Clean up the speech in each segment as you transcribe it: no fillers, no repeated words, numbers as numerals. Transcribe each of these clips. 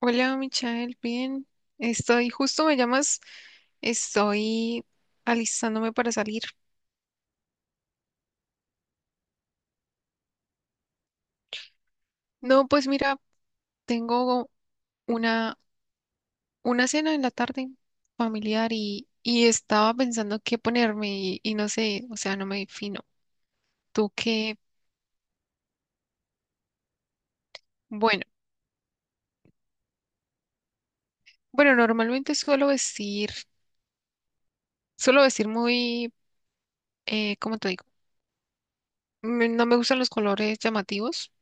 Hola, Michael, bien. Estoy, justo me llamas, estoy alistándome para salir. No, pues mira, tengo una, una cena en la tarde familiar y estaba pensando qué ponerme y no sé, o sea, no me defino. ¿Tú qué? Bueno, bueno, normalmente suelo vestir muy, ¿cómo te digo? No me gustan los colores llamativos,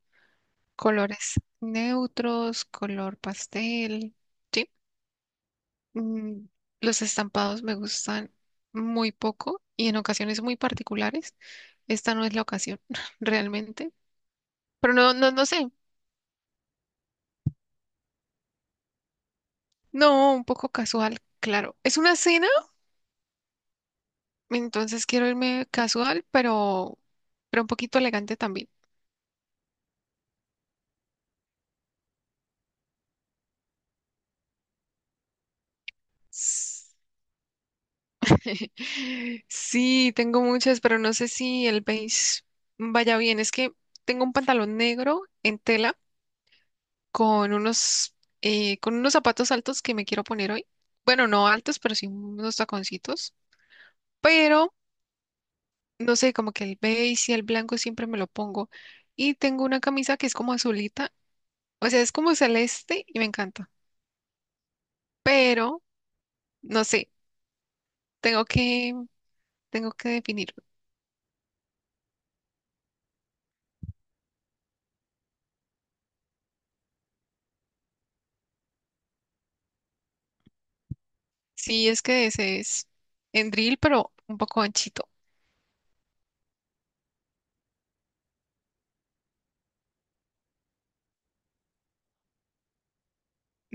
colores neutros, color pastel. ¿Sí? mm, los estampados me gustan muy poco y en ocasiones muy particulares. Esta no es la ocasión, realmente. Pero no sé. No, un poco casual, claro. Es una cena, entonces quiero irme casual, pero un poquito elegante también. S- Sí, tengo muchas, pero no sé si el beige vaya bien. Es que tengo un pantalón negro en tela con con unos zapatos altos que me quiero poner hoy. Bueno, no altos, pero sí unos taconcitos. Pero, no sé, como que el beige y el blanco siempre me lo pongo. Y tengo una camisa que es como azulita, o sea, es como celeste y me encanta. Pero, no sé, tengo que, tengo que definirlo. Sí, es que ese es en drill, pero un poco anchito.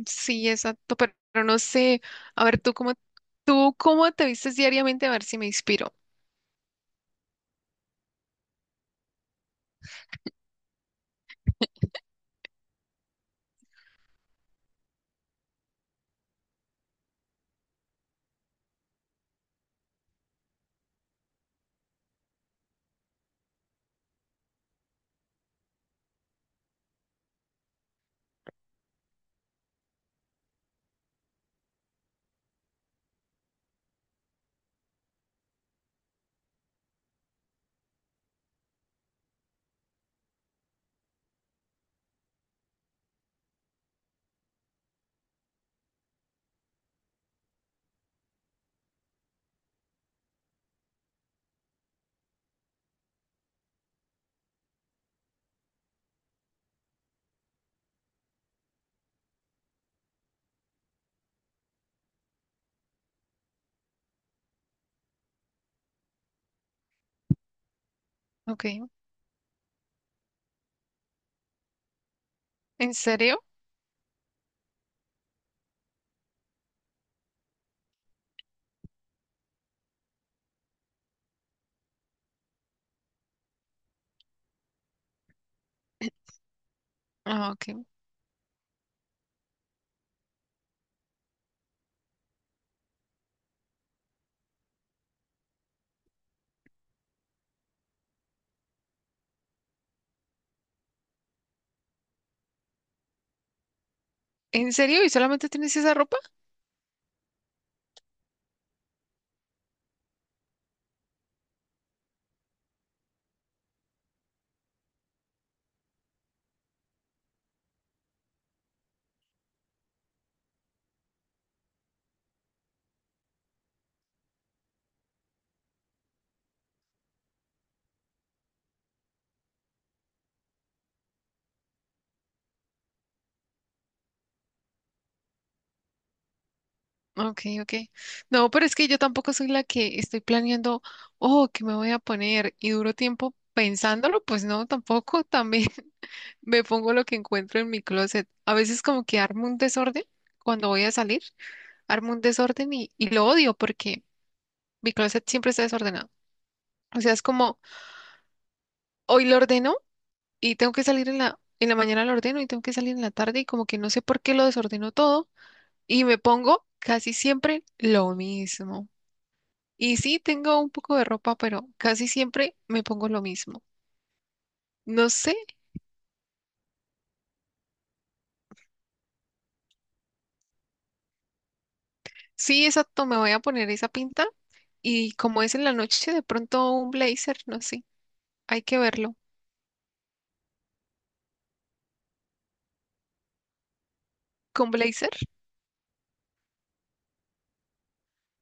Sí, exacto, pero no sé. A ver, tú cómo te vistes diariamente, a ver si me inspiro. Ok, ¿en serio? Ah, ok. ¿En serio? ¿Y solamente tienes esa ropa? Ok, ok. No, pero es que yo tampoco soy la que estoy planeando, oh, ¿qué me voy a poner? Y duro tiempo pensándolo, pues no, tampoco. También me pongo lo que encuentro en mi closet. A veces como que armo un desorden cuando voy a salir, armo un desorden y lo odio porque mi closet siempre está desordenado. O sea, es como... hoy lo ordeno y tengo que salir en en la mañana lo ordeno y tengo que salir en la tarde y como que no sé por qué lo desordeno todo y me pongo casi siempre lo mismo. Y sí, tengo un poco de ropa, pero casi siempre me pongo lo mismo. No sé, sí, exacto, me voy a poner esa pinta y como es en la noche, de pronto un blazer, no sé, hay que verlo. ¿Con blazer?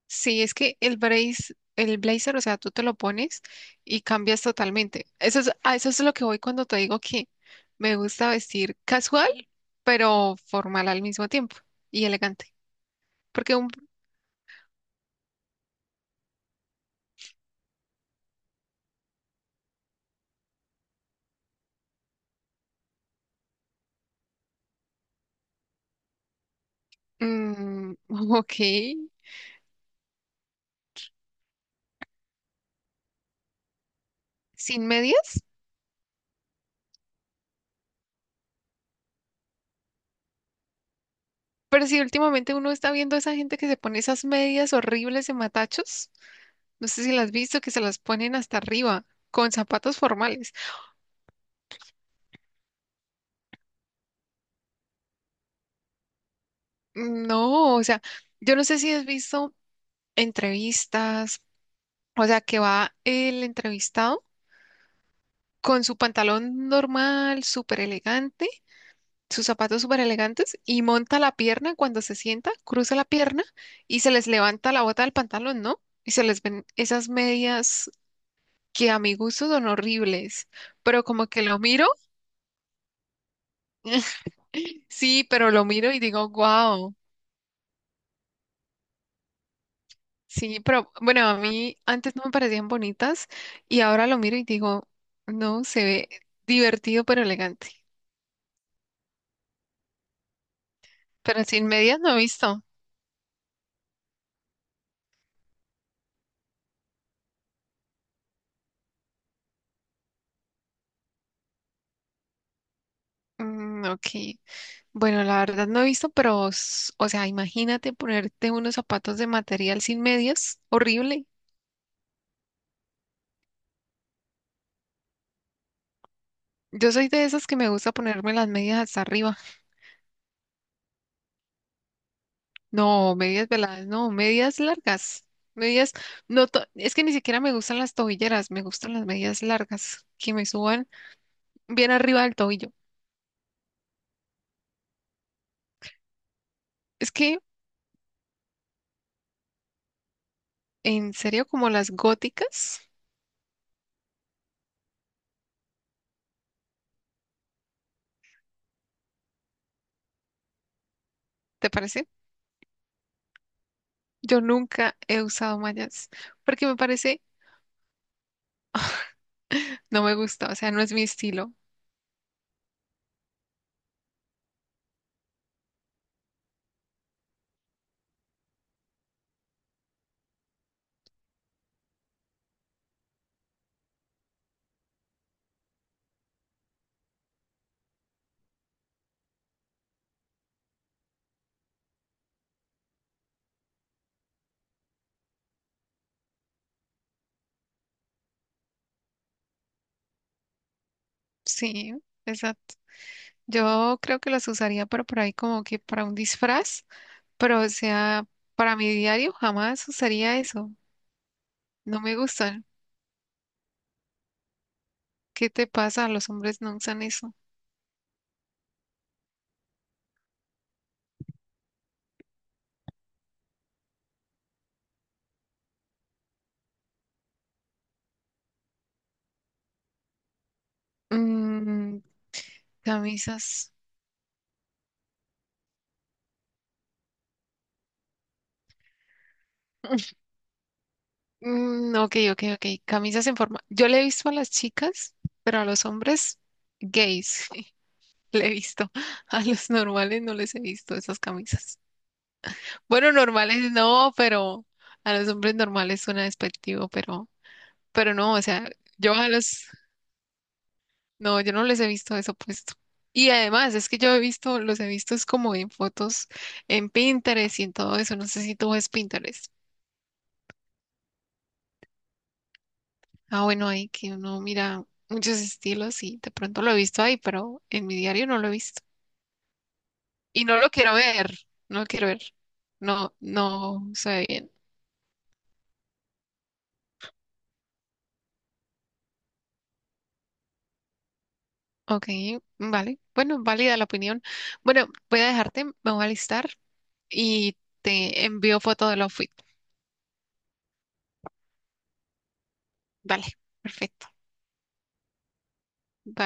Sí, es que el brace, el blazer, o sea, tú te lo pones y cambias totalmente. Eso es, a eso es lo que voy cuando te digo que me gusta vestir casual, pero formal al mismo tiempo y elegante. Porque un, mm, ok, sin medias, pero si últimamente uno está viendo a esa gente que se pone esas medias horribles de matachos, no sé si las has visto, que se las ponen hasta arriba con zapatos formales. No, o sea, yo no sé si has visto entrevistas. O sea, que va el entrevistado con su pantalón normal, súper elegante, sus zapatos súper elegantes y monta la pierna cuando se sienta, cruza la pierna y se les levanta la bota del pantalón, ¿no? Y se les ven esas medias que a mi gusto son horribles, pero como que lo miro, sí, pero lo miro y digo, wow. Sí, pero bueno, a mí antes no me parecían bonitas y ahora lo miro y digo, no, se ve divertido pero elegante. Pero sin medias no he visto. Mm, ok. Bueno, la verdad no he visto, pero, o sea, imagínate ponerte unos zapatos de material sin medias. Horrible. Yo soy de esas que me gusta ponerme las medias hasta arriba. No, medias veladas, no, medias largas. Medias, no, es que ni siquiera me gustan las tobilleras, me gustan las medias largas, que me suban bien arriba del tobillo. Es que, en serio, como las góticas, ¿te parece? Yo nunca he usado mallas, porque me parece, no me gusta, o sea, no es mi estilo. Sí, exacto. Yo creo que las usaría, pero por ahí como que para un disfraz, pero o sea, para mi diario jamás usaría eso. No me gustan. ¿Qué te pasa? Los hombres no usan eso. Mm, camisas. Mm, ok, ok, ok. Camisas en forma. Yo le he visto a las chicas, pero a los hombres gays le he visto. A los normales no les he visto esas camisas. Bueno, normales no, pero a los hombres normales suena despectivo, pero no, o sea, yo a los, no, yo no les he visto eso puesto. Y además, es que yo he visto, los he visto es como en fotos en Pinterest y en todo eso. No sé si tú ves Pinterest. Ah, bueno, ahí que uno mira muchos estilos y de pronto lo he visto ahí, pero en mi diario no lo he visto. Y no lo quiero ver. No, no se ve bien. Ok, vale. Bueno, válida la opinión. Bueno, voy a dejarte, me voy a listar y te envío foto del outfit. Vale, perfecto.